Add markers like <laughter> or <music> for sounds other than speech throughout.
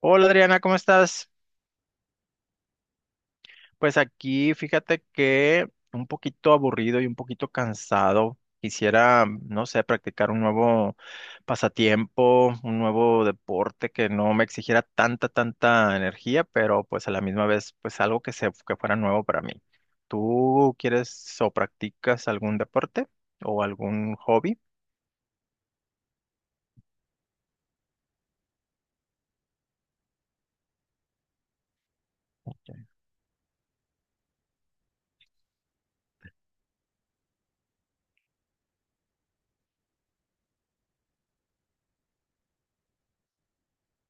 Hola Adriana, ¿cómo estás? Pues aquí fíjate que un poquito aburrido y un poquito cansado. Quisiera, no sé, practicar un nuevo pasatiempo, un nuevo deporte que no me exigiera tanta, tanta energía, pero pues a la misma vez, pues algo que fuera nuevo para mí. ¿Tú quieres o practicas algún deporte o algún hobby?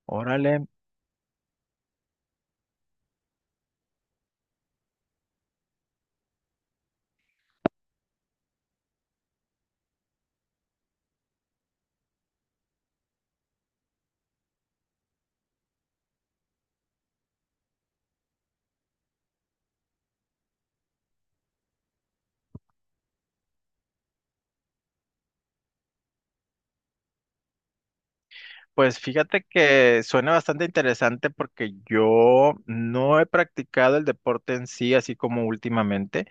Órale. Pues fíjate que suena bastante interesante porque yo no he practicado el deporte en sí, así como últimamente.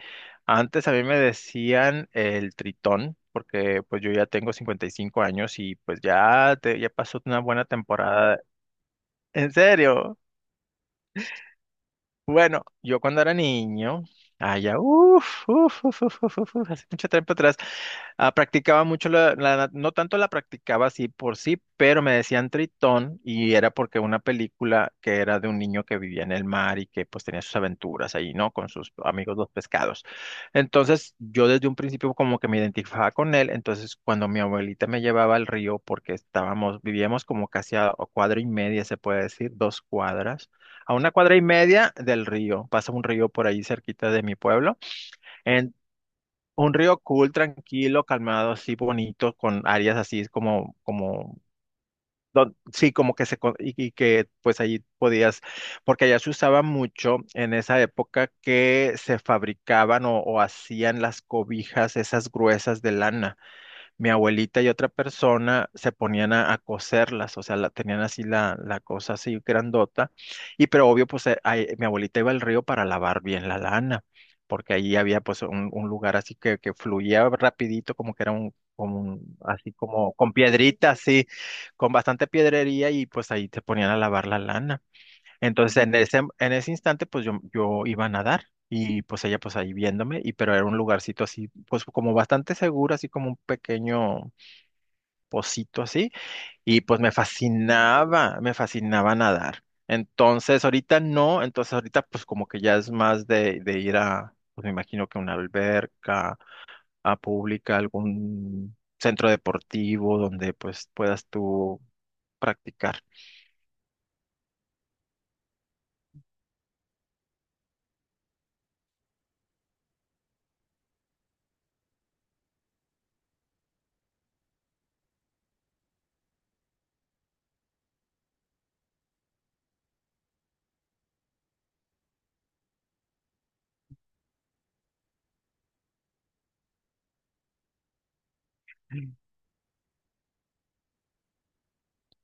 Antes a mí me decían el tritón, porque pues yo ya tengo 55 años y pues ya, ya pasó una buena temporada. En serio. Bueno, yo cuando era niño, allá, hace mucho tiempo atrás, practicaba mucho no tanto la practicaba así por sí, pero me decían Tritón y era porque una película que era de un niño que vivía en el mar y que pues tenía sus aventuras ahí, ¿no? Con sus amigos los pescados. Entonces, yo desde un principio como que me identificaba con él, entonces cuando mi abuelita me llevaba al río porque vivíamos como casi a cuadra y media, se puede decir, dos cuadras. A una cuadra y media del río, pasa un río por ahí cerquita de mi pueblo. En, un río cool, tranquilo, calmado, así bonito, con áreas así sí, como que y que pues allí podías, porque allá se usaba mucho en esa época que se fabricaban o hacían las cobijas esas gruesas de lana, mi abuelita y otra persona se ponían a coserlas, o sea, tenían así la cosa así grandota, y pero obvio, pues mi abuelita iba al río para lavar bien la lana, porque ahí había pues un lugar así que fluía rapidito, como que era así como con piedritas así, con bastante piedrería, y pues ahí te ponían a lavar la lana. Entonces en ese instante pues yo iba a nadar y pues ella pues ahí viéndome, y pero era un lugarcito así pues como bastante seguro, así como un pequeño pocito así, y pues me fascinaba nadar. Entonces ahorita no, entonces ahorita pues como que ya es más de ir a, pues me imagino que una alberca, a pública, algún centro deportivo donde pues puedas tú practicar.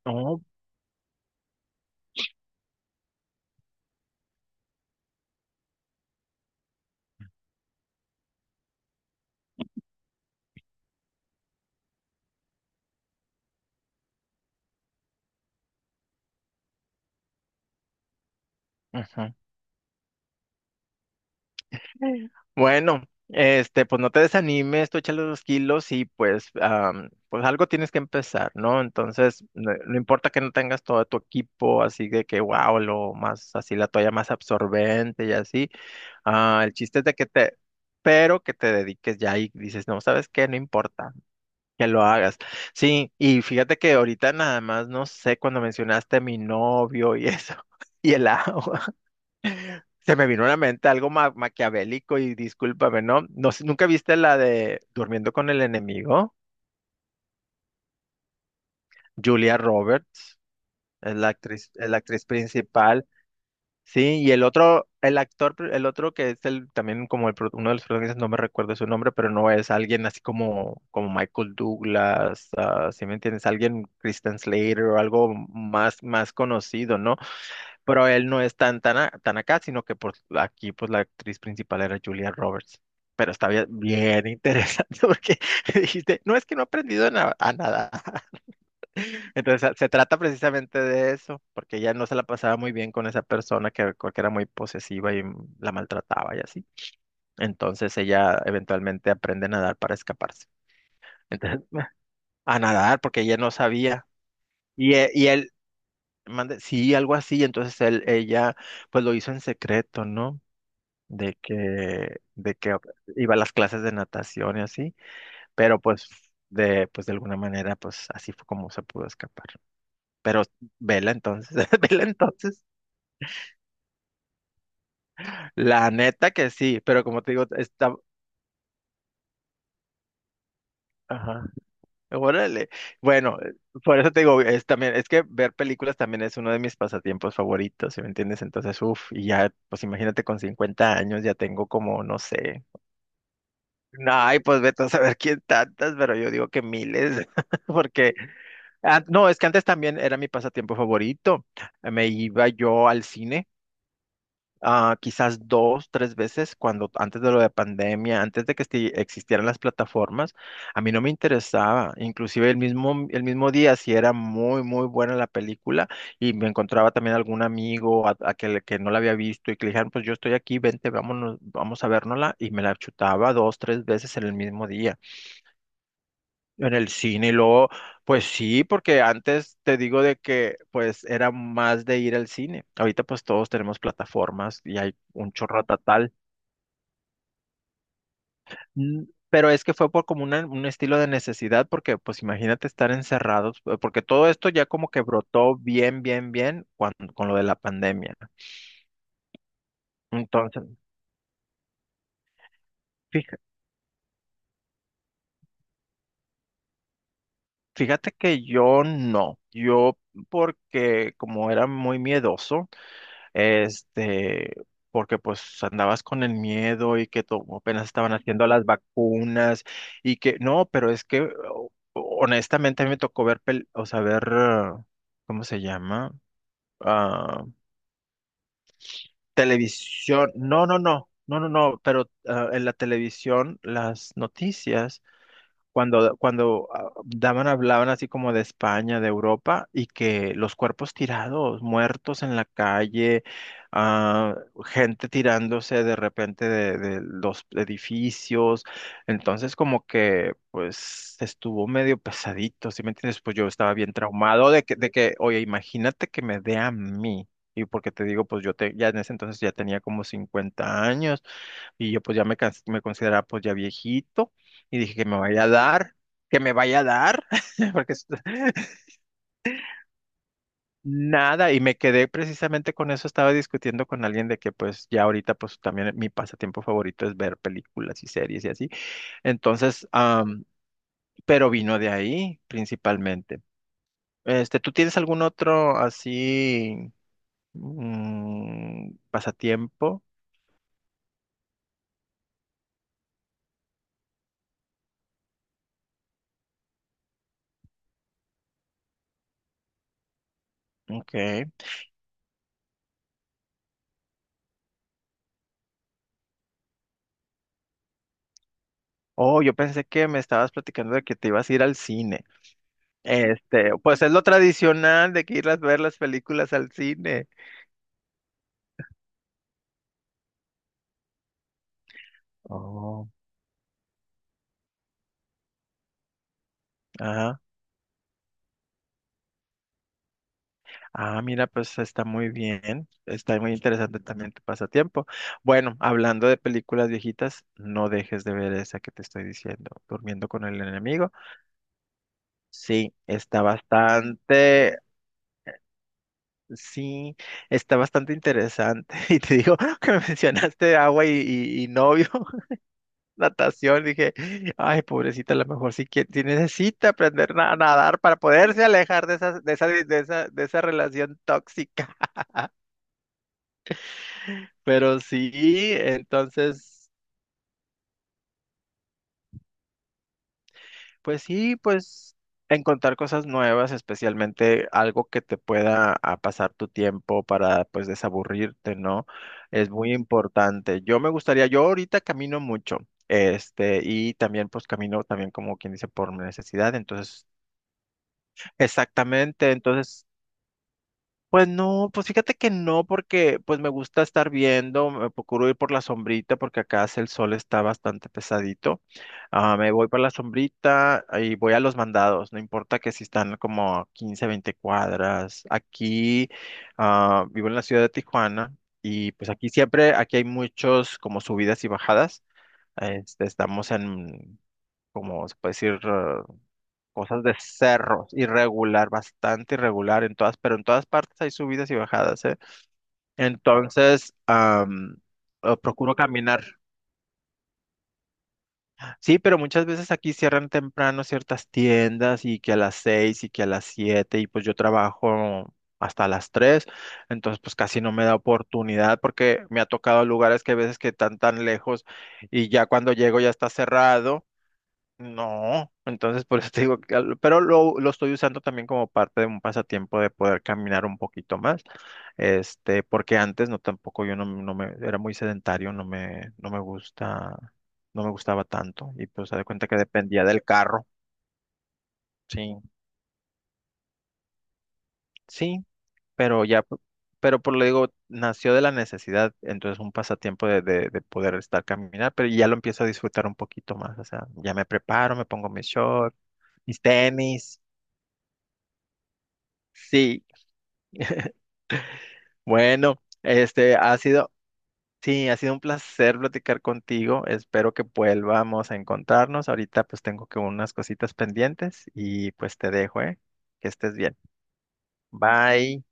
No, ujú. Bueno, este, pues no te desanimes, tú échale los kilos y pues, pues algo tienes que empezar, ¿no? Entonces, no, no importa que no tengas todo tu equipo así de que, wow, lo más, así la toalla más absorbente y así. Ah, el chiste es de que pero que te dediques ya y dices, no, ¿sabes qué? No importa. Que lo hagas. Sí, y fíjate que ahorita nada más, no sé, cuando mencionaste a mi novio y eso, <laughs> y el agua. Se me vino a la mente algo maquiavélico y discúlpame, ¿no? No sé, ¿nunca viste la de Durmiendo con el enemigo? Julia Roberts es la actriz principal. Sí, y el otro, el actor, el otro que es el también como uno de los protagonistas, no me recuerdo su nombre, pero no es alguien así como Michael Douglas, ¿si me entiendes? Alguien Kristen Slater o algo más, más conocido, ¿no? Pero él no es tan, tan acá, sino que por aquí pues la actriz principal era Julia Roberts. Pero está bien, bien interesante <laughs> porque dijiste, no es que no ha aprendido a nada. <laughs> Entonces se trata precisamente de eso, porque ella no se la pasaba muy bien con esa persona que era muy posesiva y la maltrataba y así. Entonces ella eventualmente aprende a nadar para escaparse. Entonces, <laughs> a nadar porque ella no sabía. Y él, mande, sí, algo así. Entonces ella, pues lo hizo en secreto, ¿no? De que, de que iba a las clases de natación y así, pero pues pues de alguna manera, pues así fue como se pudo escapar. Pero vela entonces, <laughs> vela entonces. La neta que sí, pero como te digo, está, ajá, órale. Bueno, por eso te digo, es también, es que ver películas también es uno de mis pasatiempos favoritos, ¿sí me entiendes? Entonces, y ya, pues imagínate con 50 años ya tengo como, no sé. Ay, pues vete a saber quién tantas, pero yo digo que miles, <laughs> porque ah, no, es que antes también era mi pasatiempo favorito. Me iba yo al cine, quizás dos, tres veces, cuando antes de lo de pandemia, antes de que existieran las plataformas, a mí no me interesaba. Inclusive el mismo día, si era muy, muy buena la película, y me encontraba también algún amigo a que no la había visto, y que le dijeron, pues yo estoy aquí, vente, vámonos, vamos a vernosla, y me la chutaba dos, tres veces en el mismo día. En el cine, y luego, pues sí, porque antes te digo de que pues era más de ir al cine. Ahorita pues todos tenemos plataformas y hay un chorro total. Mm. Pero es que fue por como un estilo de necesidad, porque pues imagínate estar encerrados, porque todo esto ya como que brotó bien, bien, bien con lo de la pandemia. Entonces, fija- fíjate que yo no, yo porque como era muy miedoso. Este, porque pues andabas con el miedo y que apenas estaban haciendo las vacunas y que no, pero es que honestamente a mí me tocó ver, o sea, ver, ¿cómo se llama? Ah, Televisión. No, no, no, no, no, no, pero en la televisión las noticias cuando, hablaban así como de España, de Europa, y que los cuerpos tirados, muertos en la calle, ah, gente tirándose de repente de los edificios, entonces como que pues estuvo medio pesadito, ¿sí me entiendes? Pues yo estaba bien traumado de que, oye, imagínate que me dé a mí. Y porque te digo, pues ya en ese entonces ya tenía como 50 años. Y yo pues ya me consideraba pues ya viejito y dije que me vaya a dar, que me vaya a dar, <laughs> porque nada, y me quedé precisamente con eso, estaba discutiendo con alguien de que pues ya ahorita pues también mi pasatiempo favorito es ver películas y series y así. Entonces, pero vino de ahí principalmente. Este, ¿tú tienes algún otro así, pasatiempo? Ok. Oh, yo pensé que me estabas platicando de que te ibas a ir al cine. Este, pues es lo tradicional de que ir a ver las películas al cine. Oh. Ajá. Ah, mira, pues está muy bien. Está muy interesante también tu pasatiempo. Bueno, hablando de películas viejitas, no dejes de ver esa que te estoy diciendo, Durmiendo con el enemigo. Sí, sí, está bastante interesante. <laughs> Y te digo <laughs> que me mencionaste agua y novio. Natación. Dije, ay, pobrecita, a lo mejor sí, sí necesita aprender a nadar para poderse alejar de esa relación tóxica. <laughs> Pero sí, entonces, pues sí, pues encontrar cosas nuevas, especialmente algo que te pueda a pasar tu tiempo para pues desaburrirte, ¿no? Es muy importante. Yo me gustaría, yo ahorita camino mucho. Este, y también pues camino también como quien dice por necesidad, entonces, exactamente, entonces, pues no, pues fíjate que no, porque pues me gusta estar viendo, me procuro ir por la sombrita porque acá hace el sol está bastante pesadito. Ah, me voy por la sombrita y voy a los mandados, no importa que si están como a 15, 20 cuadras. Aquí vivo en la ciudad de Tijuana y pues aquí siempre, aquí hay muchos como subidas y bajadas. Este, estamos en, como se puede decir, cosas de cerros, irregular, bastante irregular en todas, pero en todas partes hay subidas y bajadas, ¿eh? Entonces, procuro caminar. Sí, pero muchas veces aquí cierran temprano ciertas tiendas y que a las 6 y que a las 7 y pues yo trabajo hasta las 3, entonces pues casi no me da oportunidad porque me ha tocado lugares que a veces que están tan lejos y ya cuando llego ya está cerrado. No, entonces por eso te digo, que pero lo estoy usando también como parte de un pasatiempo de poder caminar un poquito más, este, porque antes no tampoco yo no, no me, era muy sedentario, no me, no me gusta, no me gustaba tanto, y pues se da cuenta que dependía del carro, sí, sí, pero ya, pero por lo digo, nació de la necesidad, entonces un pasatiempo de poder estar caminar, pero ya lo empiezo a disfrutar un poquito más, o sea, ya me preparo, me pongo mis shorts, mis tenis, sí. Bueno, este ha sido, sí, ha sido un placer platicar contigo. Espero que vuelvamos a encontrarnos. Ahorita pues tengo que unas cositas pendientes y pues te dejo, ¿eh? Que estés bien. Bye.